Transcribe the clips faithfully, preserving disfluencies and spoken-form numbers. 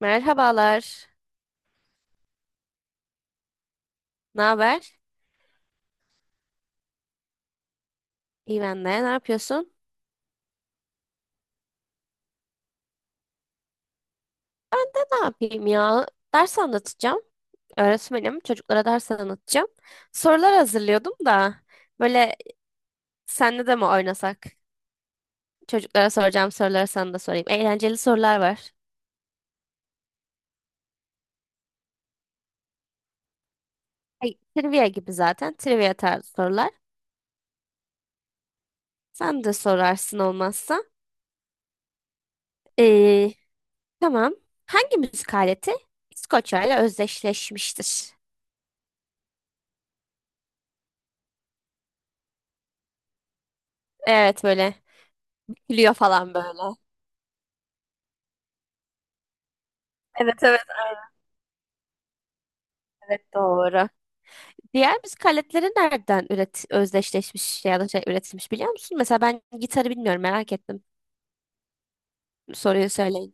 Merhabalar. Ne haber? İyi ben de. Ne yapıyorsun? Ben de ne yapayım ya? Ders anlatacağım. Öğretmenim. Çocuklara ders anlatacağım. Sorular hazırlıyordum da. Böyle senle de mi oynasak? Çocuklara soracağım soruları sana da sorayım. Eğlenceli sorular var. Ay, trivia gibi zaten. Trivia tarzı sorular. Sen de sorarsın olmazsa. Ee, tamam. Hangi müzik aleti İskoçya ile özdeşleşmiştir? Evet, böyle. Gülüyor falan böyle. Evet, evet. Evet, doğru. Diğer müzik aletleri nereden üret özdeşleşmiş ya da şey üretilmiş biliyor musun? Mesela ben gitarı bilmiyorum, merak ettim. Soruyu söyleyince.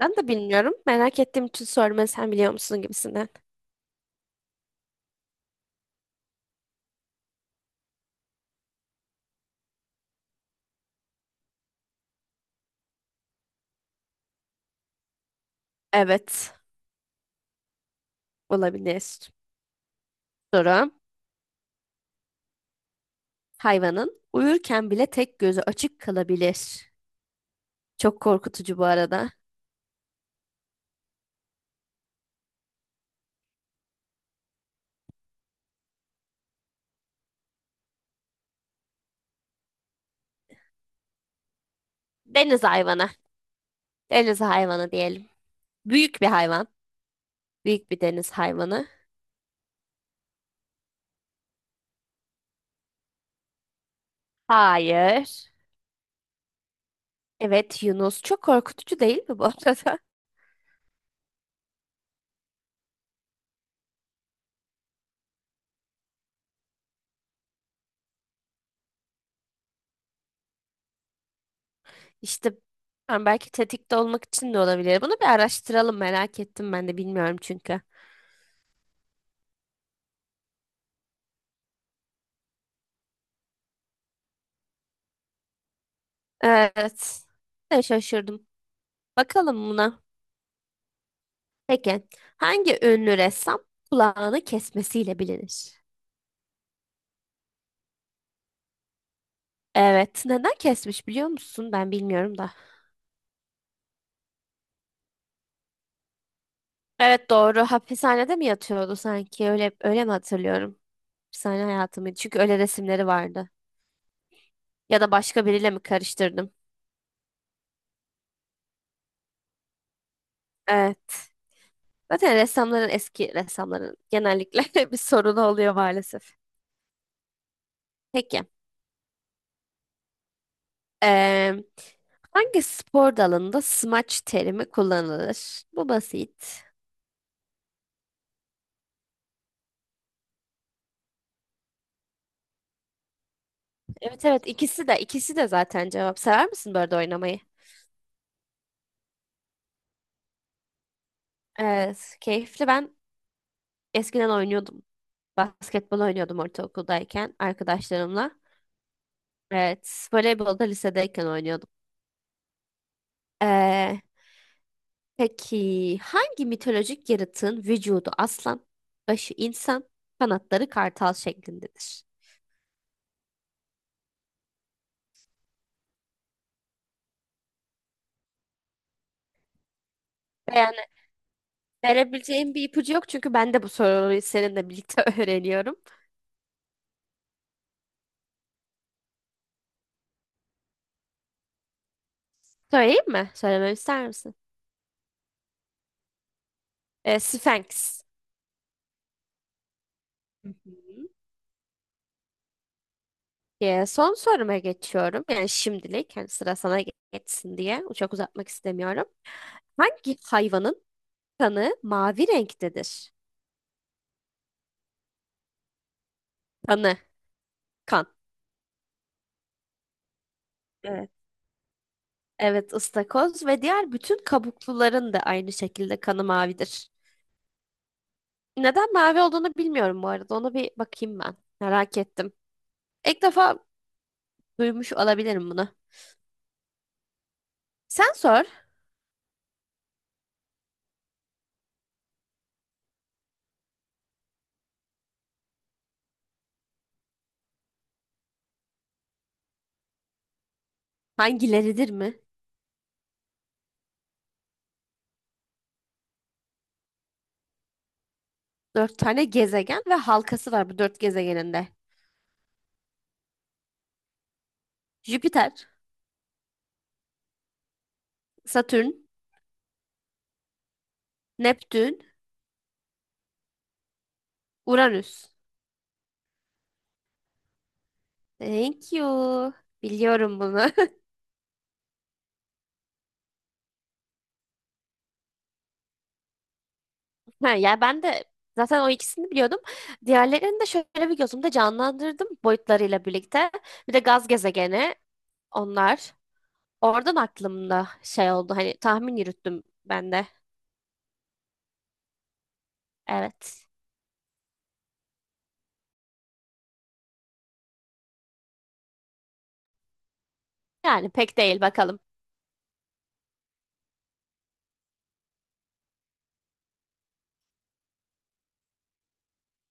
Ben de bilmiyorum. Merak ettiğim için sorma, sen biliyor musun gibisinden. Evet, olabilir. Soru. Hayvanın uyurken bile tek gözü açık kalabilir. Çok korkutucu bu arada. Deniz hayvanı. Deniz hayvanı diyelim. Büyük bir hayvan. Büyük bir deniz hayvanı. Hayır. Evet, Yunus. Çok korkutucu değil mi bu arada? İşte ben belki tetikte olmak için de olabilir. Bunu bir araştıralım, merak ettim, ben de bilmiyorum çünkü. Evet. Ben şaşırdım. Bakalım buna. Peki. Hangi ünlü ressam kulağını kesmesiyle bilinir? Evet. Neden kesmiş biliyor musun? Ben bilmiyorum da. Evet, doğru. Hapishanede mi yatıyordu sanki? Öyle öyle mi hatırlıyorum? Hapishane hayatı mıydı? Çünkü öyle resimleri vardı. Ya da başka biriyle mi karıştırdım? Evet. Zaten ressamların, eski ressamların genellikle bir sorunu oluyor maalesef. Peki. eee, hangi spor dalında smaç terimi kullanılır? Bu basit. Evet, evet, ikisi de ikisi de zaten cevap. Sever misin bu oynamayı? Evet, keyifli. Ben eskiden oynuyordum. Basketbol oynuyordum ortaokuldayken arkadaşlarımla. Evet, voleybol da lisedeyken oynuyordum. Peki hangi mitolojik yaratığın vücudu aslan, başı insan, kanatları kartal şeklindedir? Yani verebileceğim bir ipucu yok çünkü ben de bu soruyu seninle birlikte öğreniyorum. Söyleyeyim mi? Söylememi ister misin? Ee, Sphinx. Hı hı. Ee, son soruma geçiyorum. Yani şimdilik hani sıra sana geçsin diye çok uzatmak istemiyorum. Hangi hayvanın kanı mavi renktedir? Kanı, kan. Evet, ıstakoz ve diğer bütün kabukluların da aynı şekilde kanı mavidir. Neden mavi olduğunu bilmiyorum bu arada. Onu bir bakayım ben. Merak ettim. İlk defa duymuş olabilirim bunu. Sen sor. Hangileridir mi? Dört tane gezegen ve halkası var bu dört gezegeninde. Jüpiter, Satürn, Neptün, Uranüs. Thank you. Biliyorum bunu. Ha, yani ben de zaten o ikisini biliyordum. Diğerlerini de şöyle bir gözümde canlandırdım boyutlarıyla birlikte. Bir de gaz gezegeni onlar. Oradan aklımda şey oldu, hani tahmin yürüttüm ben de. Evet. Yani pek değil, bakalım.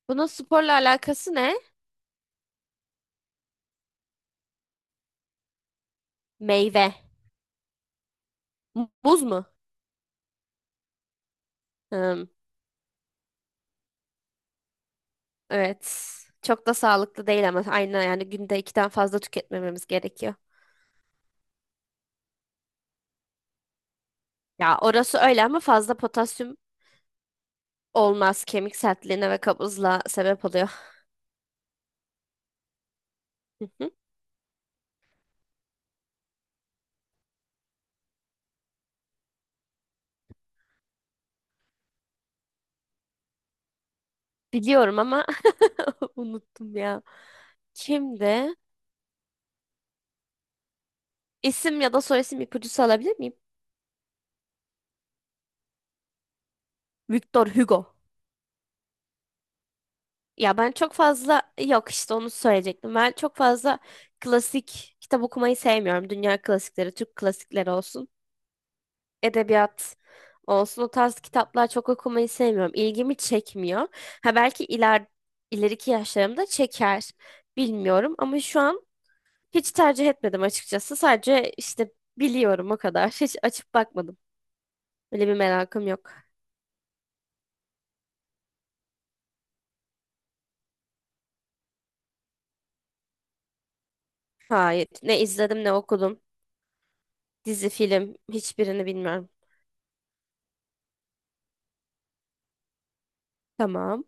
Bunun sporla alakası ne? Meyve. M- Muz mu? Hmm, evet. Çok da sağlıklı değil ama aynı yani günde ikiden fazla tüketmememiz gerekiyor. Ya orası öyle ama fazla potasyum olmaz. Kemik sertliğine ve kabızlığa sebep oluyor. Biliyorum ama unuttum ya. Kimdi? İsim ya da soyisim ipucusu alabilir miyim? Victor Hugo. Ya ben çok fazla yok işte onu söyleyecektim. Ben çok fazla klasik kitap okumayı sevmiyorum. Dünya klasikleri, Türk klasikleri olsun, edebiyat olsun, o tarz kitaplar çok okumayı sevmiyorum. İlgimi çekmiyor. Ha belki iler ileriki yaşlarımda çeker. Bilmiyorum ama şu an hiç tercih etmedim açıkçası. Sadece işte biliyorum o kadar. Hiç açıp bakmadım. Öyle bir merakım yok. Hayır. Ne izledim ne okudum. Dizi, film, hiçbirini bilmiyorum. Tamam.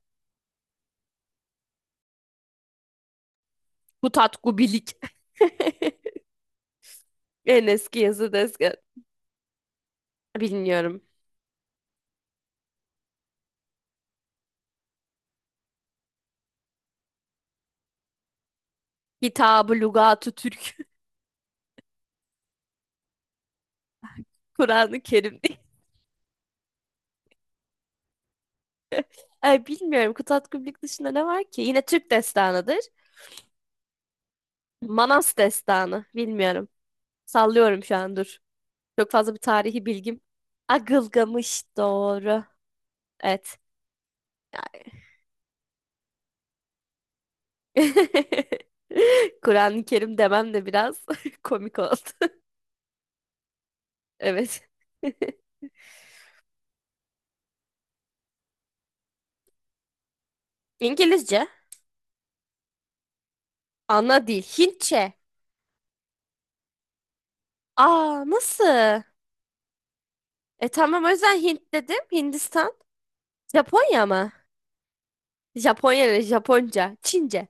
Bu tat En eski yazı desken. Bilmiyorum. Kitab-ı Lügat-ı Türk. Kur'an-ı Kerim değil. Ay, bilmiyorum. Kutat Kubilik dışında ne var ki? Yine Türk destanıdır. Manas destanı. Bilmiyorum. Sallıyorum şu an dur. Çok fazla bir tarihi bilgim. Agılgamış doğru. Evet. Kur'an-ı Kerim demem de biraz komik oldu. Evet. İngilizce. Ana dil. Hintçe. Aa, nasıl? E tamam, o yüzden Hint dedim. Hindistan. Japonya mı? Japonya ile Japonca. Çince.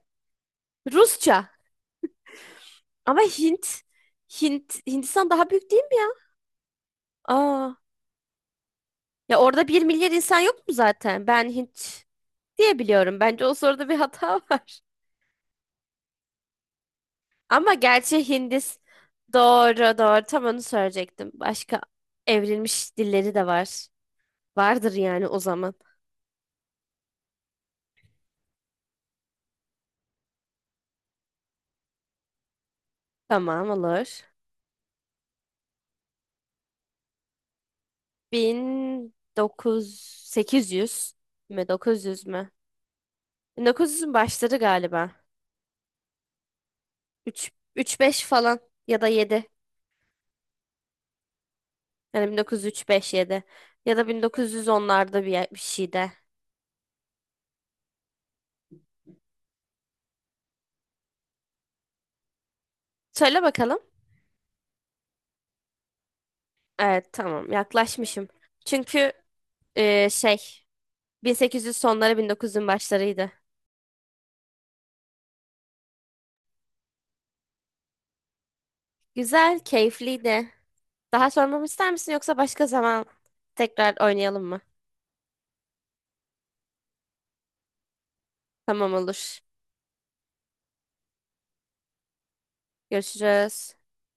Rusça. Ama Hint. Hint. Hindistan daha büyük değil mi ya? Aa. Ya orada bir milyar insan yok mu zaten? Ben Hint diye biliyorum. Bence o soruda bir hata var. Ama gerçi Hindis doğru doğru tam onu söyleyecektim. Başka evrilmiş dilleri de var. Vardır yani o zaman. Tamam olur. bin dokuz yüz mü dokuz yüz mü? bin dokuz yüzün başları galiba. üç üç beş falan ya da yedi. Yani bin dokuz yüz üç-beş-yedi ya da bin dokuz yüz onlarda bir, yer- bir şeyde. Söyle bakalım. Evet tamam, yaklaşmışım. Çünkü e, şey bin sekiz yüz sonları bin dokuz yüzün başlarıydı. Güzel, keyifliydi. Daha sormamı ister misin yoksa başka zaman tekrar oynayalım mı? Tamam olur. Görüşürüz.